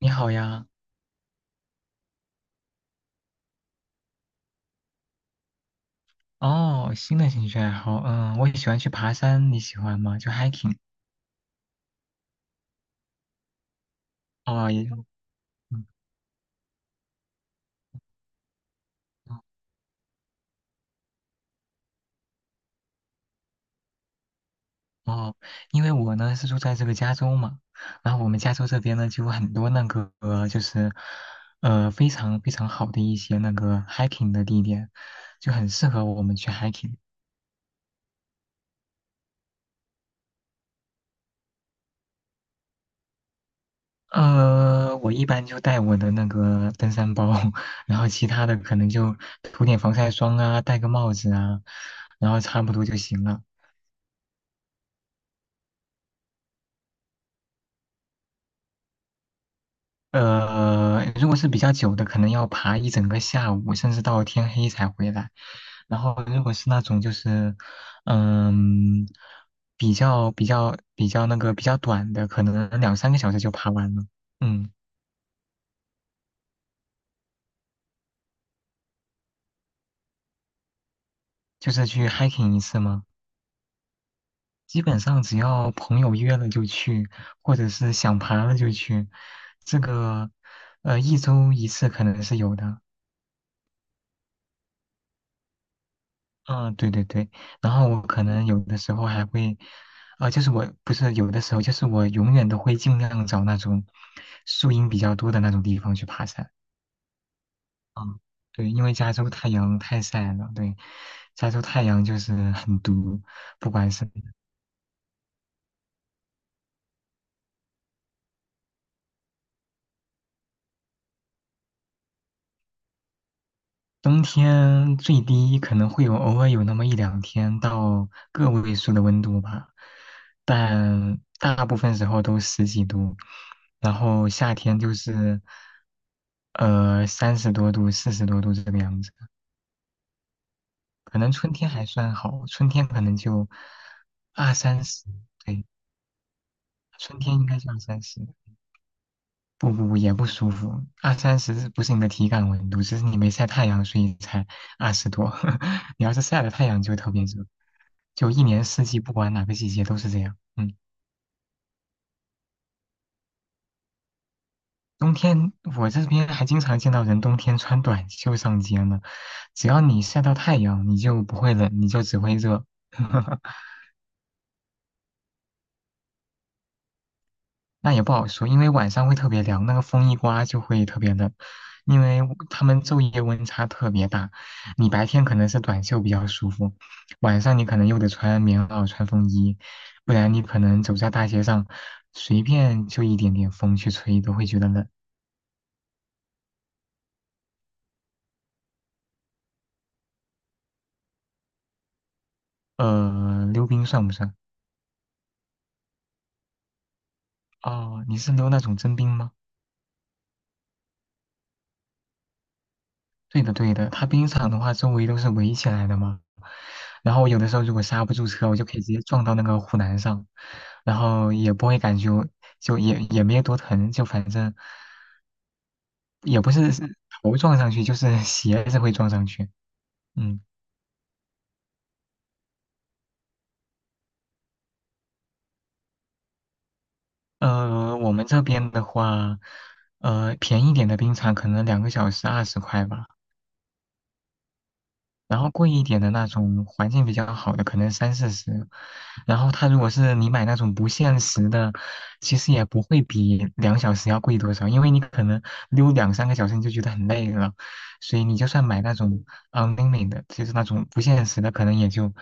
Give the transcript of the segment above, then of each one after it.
你好呀，哦，新的兴趣爱好，嗯，我也喜欢去爬山，你喜欢吗？就 hiking，哦，也，嗯，哦，因为我呢是住在这个加州嘛，然后我们加州这边呢就有很多那个就是，非常非常好的一些那个 hiking 的地点，就很适合我们去 hiking。我一般就带我的那个登山包，然后其他的可能就涂点防晒霜啊，戴个帽子啊，然后差不多就行了。如果是比较久的，可能要爬一整个下午，甚至到天黑才回来。然后，如果是那种就是，嗯，比较短的，可能两三个小时就爬完了。嗯，就是去 hiking 一次嘛，基本上只要朋友约了就去，或者是想爬了就去。这个，一周一次可能是有的。啊，对对对，然后我可能有的时候还会，啊、就是我不是有的时候，就是我永远都会尽量找那种树荫比较多的那种地方去爬山。对，因为加州太阳太晒了，对，加州太阳就是很毒，不管是冬天最低可能会有偶尔有那么一两天到个位数的温度吧，但大部分时候都十几度，然后夏天就是三十多度、四十多度这个样子。可能春天还算好，春天可能就二三十，对，春天应该就二三十。不不不，也不舒服。二三十不是你的体感温度，只是你没晒太阳，所以才二十多。你要是晒了太阳，就特别热。就一年四季，不管哪个季节都是这样。嗯，冬天我这边还经常见到人冬天穿短袖上街呢。只要你晒到太阳，你就不会冷，你就只会热。那也不好说，因为晚上会特别凉，那个风一刮就会特别冷，因为他们昼夜温差特别大。你白天可能是短袖比较舒服，晚上你可能又得穿棉袄、穿风衣，不然你可能走在大街上，随便就一点点风去吹都会觉得冷。溜冰算不算？哦，你是溜那种真冰吗？对的，对的，它冰场的话，周围都是围起来的嘛。然后有的时候如果刹不住车，我就可以直接撞到那个护栏上，然后也不会感觉就也没有多疼，就反正也不是头撞上去，就是 鞋子会撞上去。嗯，我们这边的话，便宜点的冰场可能两个小时二十块吧。然后贵一点的那种环境比较好的，可能三四十。然后它如果是你买那种不限时的，其实也不会比两小时要贵多少，因为你可能溜两三个小时你就觉得很累了，所以你就算买那种嗯 n l i m i 就是那种不限时的，可能也就，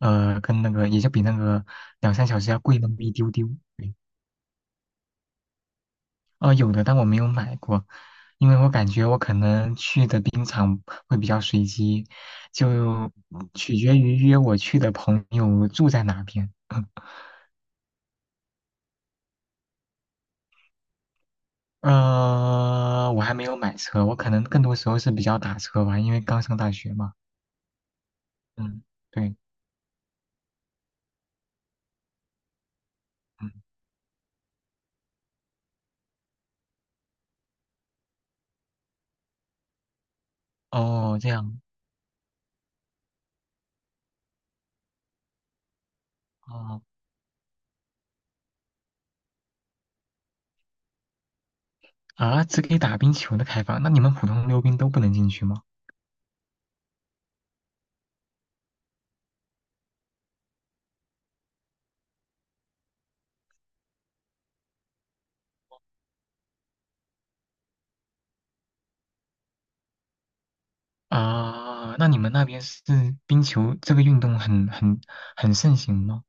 跟那个也就比那个两三小时要贵那么一丢丢。有的，但我没有买过，因为我感觉我可能去的冰场会比较随机，就取决于约我去的朋友住在哪边。我还没有买车，我可能更多时候是比较打车吧，因为刚上大学嘛。嗯，对，嗯，哦，这样，哦，啊，只给打冰球的开放，那你们普通溜冰都不能进去吗？啊，那你们那边是冰球这个运动很盛行吗？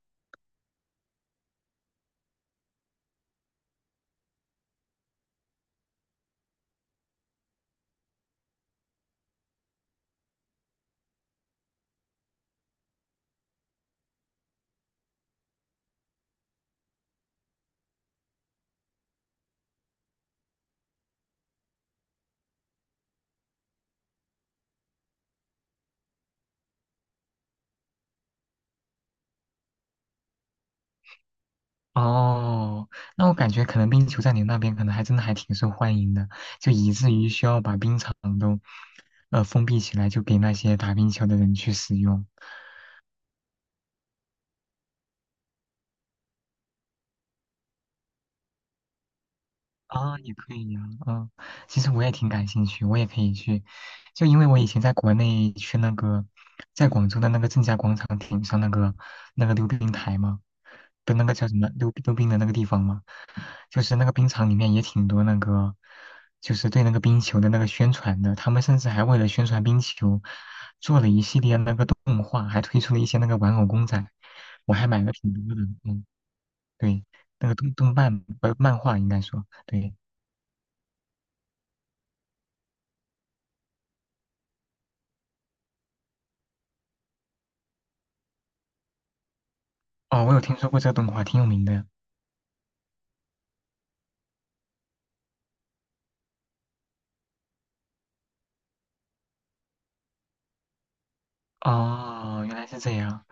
哦，那我感觉可能冰球在你那边可能还真的还挺受欢迎的，就以至于需要把冰场都封闭起来，就给那些打冰球的人去使用。啊，也可以呀、嗯，其实我也挺感兴趣，我也可以去，就因为我以前在国内去那个，在广州的那个正佳广场顶上那个溜冰台嘛，不，那个叫什么溜冰的那个地方嘛，就是那个冰场里面也挺多那个，就是对那个冰球的那个宣传的，他们甚至还为了宣传冰球，做了一系列那个动画，还推出了一些那个玩偶公仔，我还买了挺多的，嗯，对，那个动动漫呃漫画应该说，对，哦，我有听说过这个动画，挺有名的，哦，原来是这样。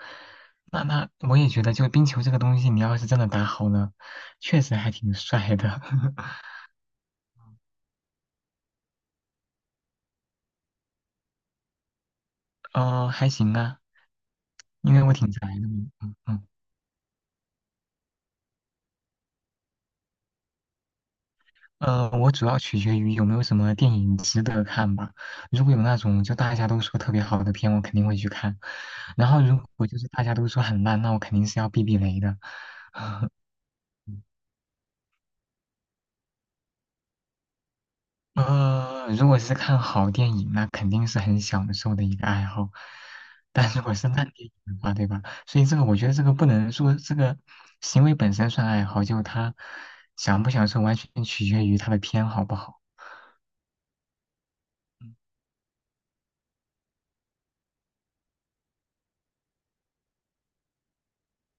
那我也觉得，就冰球这个东西，你要是真的打好了，确实还挺帅的。哦，还行啊，因为我挺宅的嘛。嗯嗯。我主要取决于有没有什么电影值得看吧。如果有那种就大家都说特别好的片，我肯定会去看。然后如果就是大家都说很烂，那我肯定是要避避雷的。如果是看好电影，那肯定是很享受的一个爱好。但如果是烂电影的话，对吧？所以这个我觉得这个不能说这个行为本身算爱好，就他享不享受完全取决于他的偏好不好。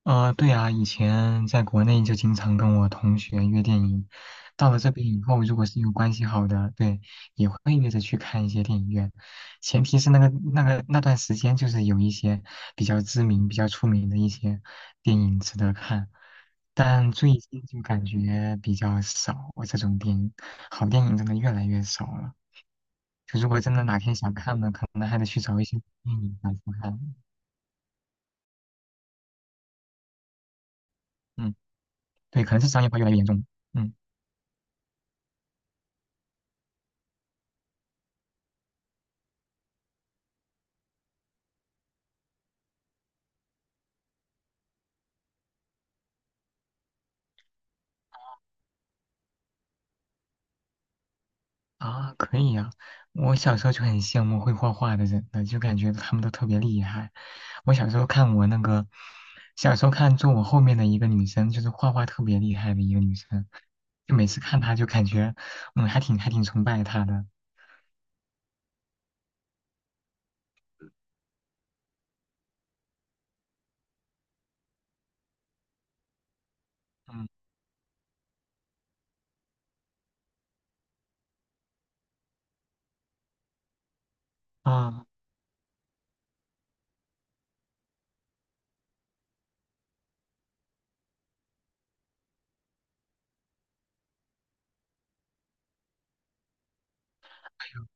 对啊，以前在国内就经常跟我同学约电影，到了这边以后，如果是有关系好的，对，也会约着去看一些电影院，前提是那个那段时间就是有一些比较知名、比较出名的一些电影值得看，但最近就感觉比较少，这种电影，好电影真的越来越少了。就如果真的哪天想看呢，可能还得去找一些电影来去看。嗯，对，可能是商业化越来越严重。嗯。啊，可以啊！我小时候就很羡慕会画画的人的，就感觉他们都特别厉害。我小时候看我那个，小时候看坐我后面的一个女生，就是画画特别厉害的一个女生，就每次看她就感觉，还挺崇拜她的。嗯啊，哎呦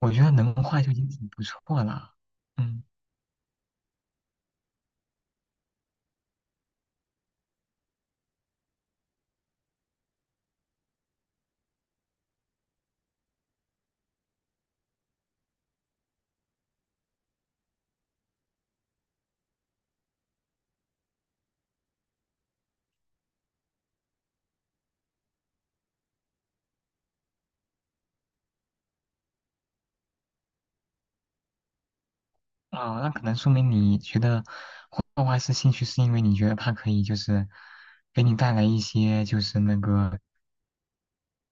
我觉得能画就已经挺不错了。嗯啊，那可能说明你觉得画画是兴趣，是因为你觉得它可以就是给你带来一些就是那个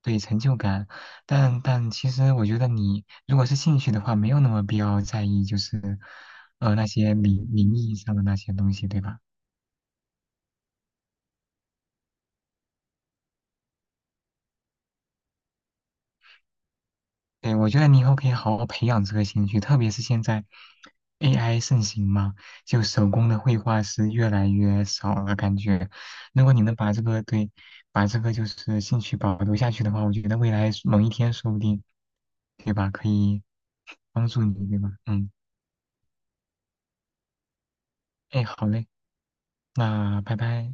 对成就感，但其实我觉得你如果是兴趣的话，没有那么必要在意就是，那些名义上的那些东西，对吧？对，我觉得你以后可以好好培养这个兴趣，特别是现在 AI 盛行嘛，就手工的绘画是越来越少了，感觉如果你能把这个对，把这个就是兴趣保留下去的话，我觉得未来某一天说不定，对吧？可以帮助你，对吧？嗯，哎，好嘞，那拜拜。